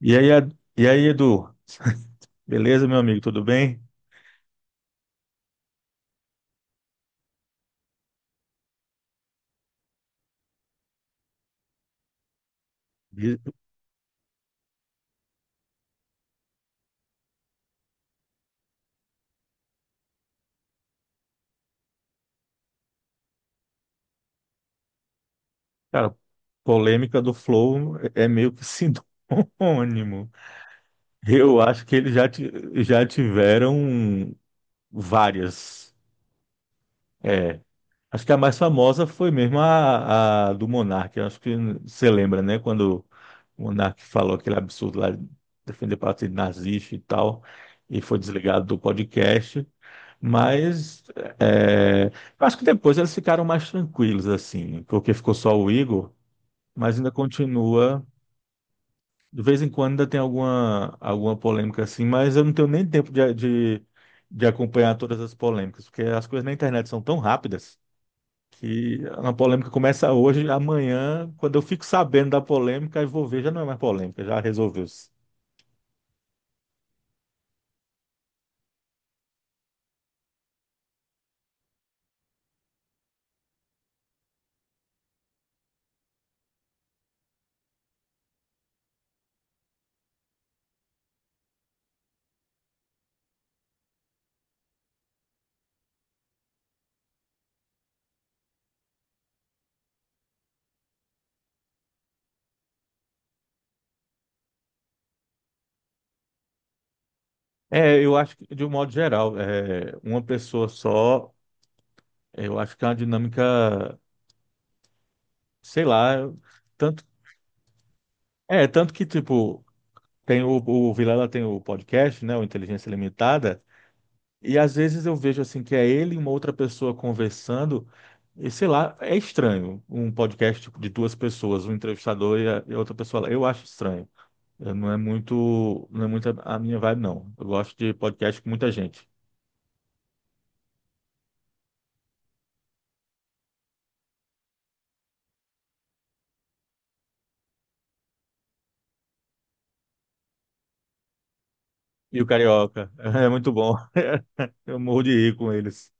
E aí, Edu? Beleza, meu amigo? Tudo bem? E, Cara, polêmica do Flow é meio que sinônimo. Eu acho que eles já tiveram várias. É, acho que a mais famosa foi mesmo a do Monark. Eu acho que você lembra, né? Quando o Monark falou aquele absurdo lá de defender partido nazista e tal, e foi desligado do podcast. Mas é, eu acho que depois eles ficaram mais tranquilos, assim, porque ficou só o Igor, mas ainda continua. De vez em quando ainda tem alguma polêmica assim, mas eu não tenho nem tempo de acompanhar todas as polêmicas, porque as coisas na internet são tão rápidas que uma polêmica começa hoje, amanhã, quando eu fico sabendo da polêmica, eu vou ver, já não é mais polêmica, já resolveu-se. É, eu acho que, de um modo geral, é, uma pessoa só, eu acho que é uma dinâmica. Sei lá, tanto, tanto que, tipo, tem o Vilela tem o podcast, né, o Inteligência Limitada, e às vezes eu vejo, assim, que é ele e uma outra pessoa conversando, e sei lá, é estranho, um podcast tipo, de duas pessoas, um entrevistador e outra pessoa, lá. Eu acho estranho, eu não é muito a minha vibe, não, eu gosto de podcast com muita gente. E o Carioca, é muito bom, eu morro de rir com eles.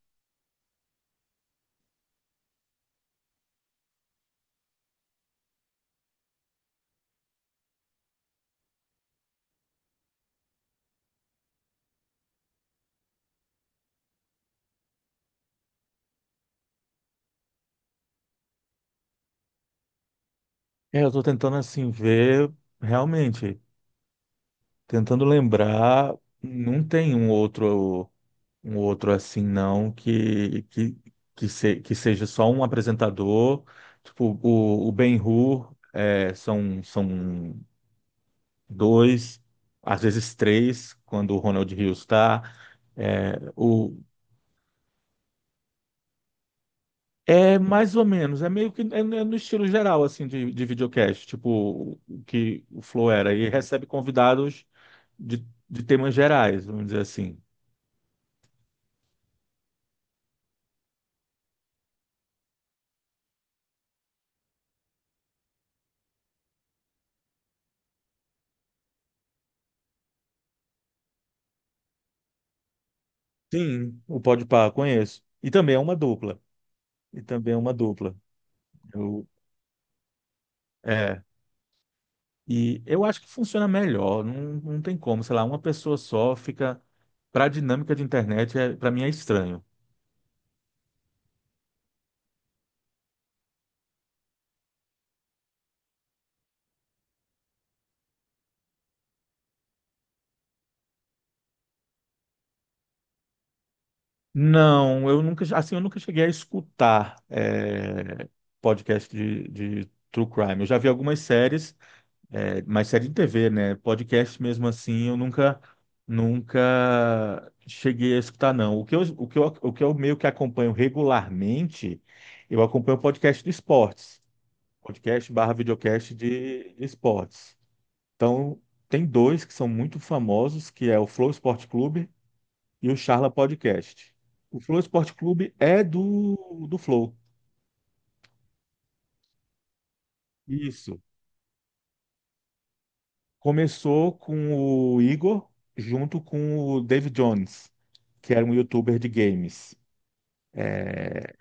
É, eu tô tentando, assim, ver realmente. Tentando lembrar, não tem um outro assim que, que seja só um apresentador, tipo o Ben-Hur, é, são dois, às vezes três, quando o Ronald Rios está, é, o é mais ou menos, é no estilo geral assim de videocast, tipo o que o Flow era e recebe convidados de temas gerais, vamos dizer assim. Sim, o Podpah, conheço. E também é uma dupla. E também é uma dupla. Eu, é. E eu acho que funciona melhor. Não, não tem como, sei lá, uma pessoa só fica. Para a dinâmica de internet, é, para mim é estranho. Não, eu nunca, assim, eu nunca cheguei a escutar é, podcast de true crime. Eu já vi algumas séries, é, mas série de TV, né? Podcast mesmo assim, eu nunca, nunca cheguei a escutar, não. O que o que eu meio que acompanho regularmente, eu acompanho o podcast de esportes. Podcast barra videocast de esportes. Então, tem dois que são muito famosos, que é o Flow Esporte Clube e o Charla Podcast. O Flow Esporte Clube é do Flow. Isso. Começou com o Igor junto com o Dave Jones, que era um youtuber de games. É,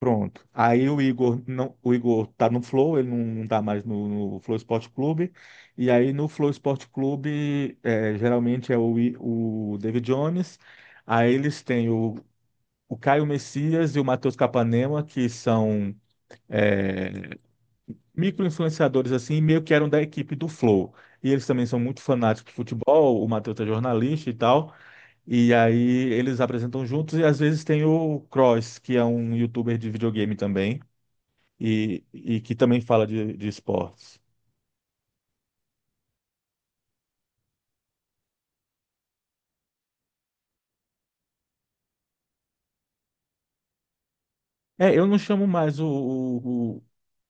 pronto. Aí o Igor não, o Igor tá no Flow, ele não, não tá mais no Flow Esporte Clube. E aí no Flow Esporte Clube é, geralmente é o David Jones. Aí eles têm o Caio Messias e o Matheus Capanema, que são é, micro-influenciadores assim, meio que eram da equipe do Flow. E eles também são muito fanáticos de futebol, o Matheus é jornalista e tal. E aí eles apresentam juntos e às vezes tem o Cross, que é um youtuber de videogame também, e que também fala de esportes. É, eu não chamo mais o, o,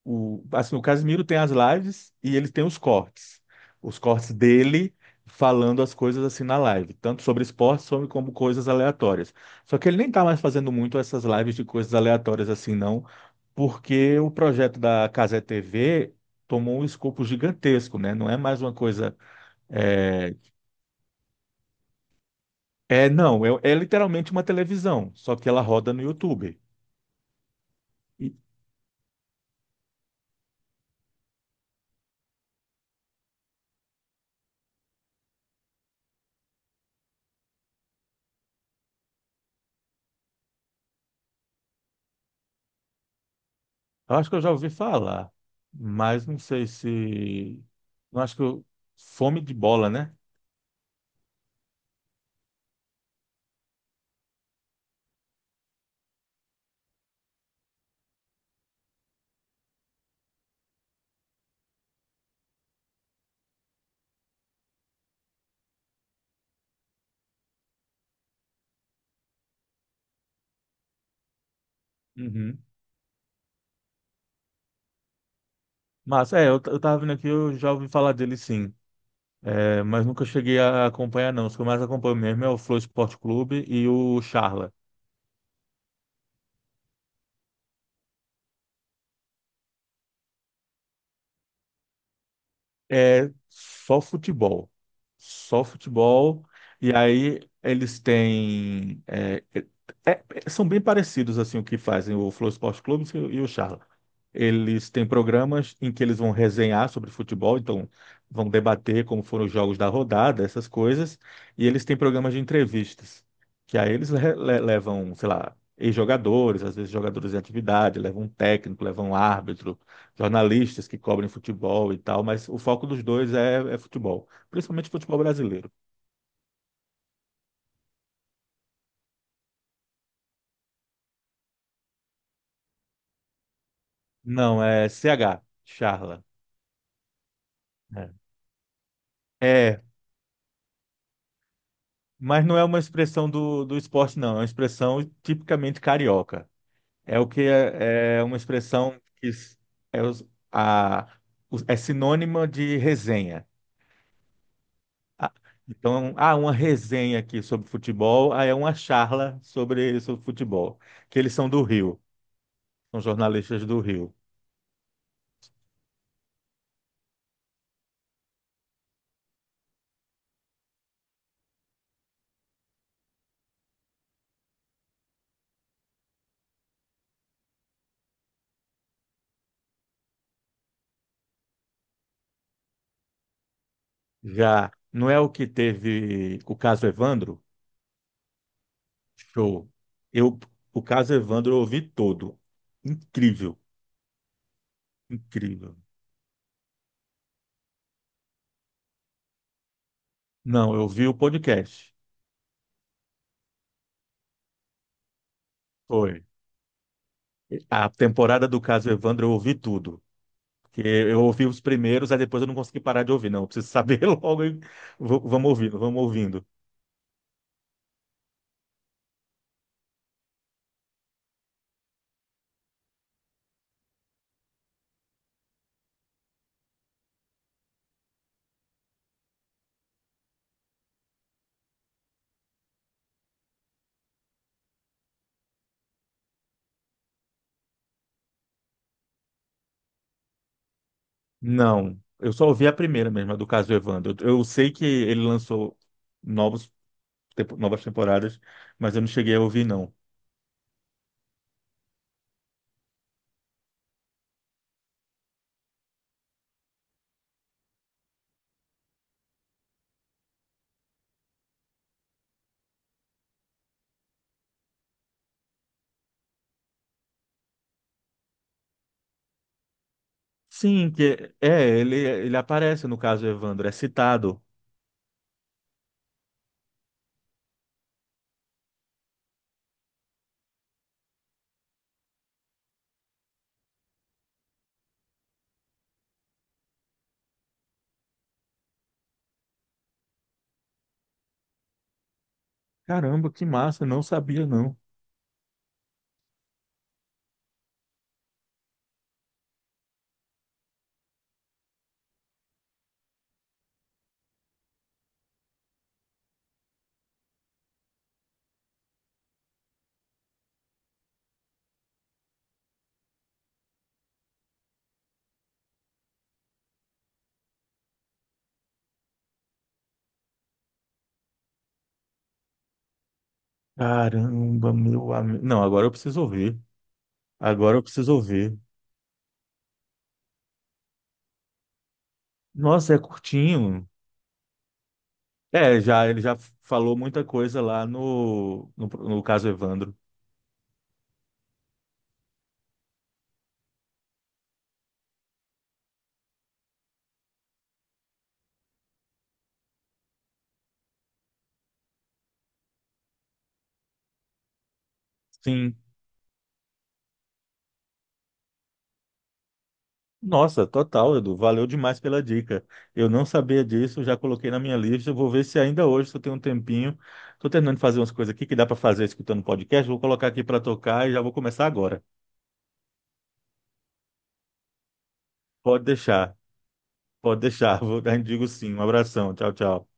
o, o- assim, o Casimiro tem as lives e ele tem os cortes. Os cortes dele falando as coisas assim na live, tanto sobre como coisas aleatórias. Só que ele nem tá mais fazendo muito essas lives de coisas aleatórias assim, não, porque o projeto da Casé TV tomou um escopo gigantesco, né? Não é mais uma coisa. É, é não, é, é literalmente uma televisão, só que ela roda no YouTube. Eu acho que eu já ouvi falar, mas não sei se. Não acho que eu... Fome de bola, né? Uhum. Mas é, eu tava vendo aqui, eu já ouvi falar dele sim. É, mas nunca cheguei a acompanhar, não. Os que eu mais acompanho mesmo é o Flow Esporte Clube e o Charla. É só futebol. Só futebol. E aí eles têm. São bem parecidos assim o que fazem o Flow Esporte Clube e o Charla. Eles têm programas em que eles vão resenhar sobre futebol, então vão debater como foram os jogos da rodada, essas coisas. E eles têm programas de entrevistas, que aí levam, sei lá, ex-jogadores, às vezes jogadores em atividade, levam um técnico, levam um árbitro jornalistas que cobrem futebol e tal, mas o foco dos dois é, é futebol, principalmente futebol brasileiro. Não, é CH, charla. É, É, mas não é uma expressão do esporte, não, é uma expressão tipicamente carioca. É uma expressão que s- é, os- a, os- é sinônima de resenha. Ah, então, há uma resenha aqui sobre futebol, aí é uma charla sobre futebol, que eles são do Rio, são jornalistas do Rio. Já não é o que teve o caso Evandro? Show. Eu, o caso Evandro eu ouvi todo. Incrível, incrível. Não, eu vi o podcast. Foi. A temporada do caso Evandro eu ouvi tudo. Porque eu ouvi os primeiros, aí depois eu não consegui parar de ouvir. Não, eu preciso saber logo. Vamos ouvindo, vamos ouvindo. Não, eu só ouvi a primeira mesmo, a do caso Evandro. Eu sei que ele lançou novos, novas temporadas, mas eu não cheguei a ouvir, não. Sim, que é, ele aparece no caso Evandro, é citado. Caramba, que massa, não sabia não. Caramba, meu amigo. Não, agora eu preciso ouvir. Agora eu preciso ouvir. Nossa, é curtinho. É, já ele já falou muita coisa lá no caso Evandro. Sim. Nossa, total, Edu. Valeu demais pela dica. Eu não sabia disso, já coloquei na minha lista. Eu vou ver se ainda hoje, se eu tenho um tempinho. Estou terminando de fazer umas coisas aqui que dá para fazer escutando podcast. Vou colocar aqui para tocar e já vou começar agora. Pode deixar, pode deixar. Vou, a gente digo sim. Um abração. Tchau, tchau.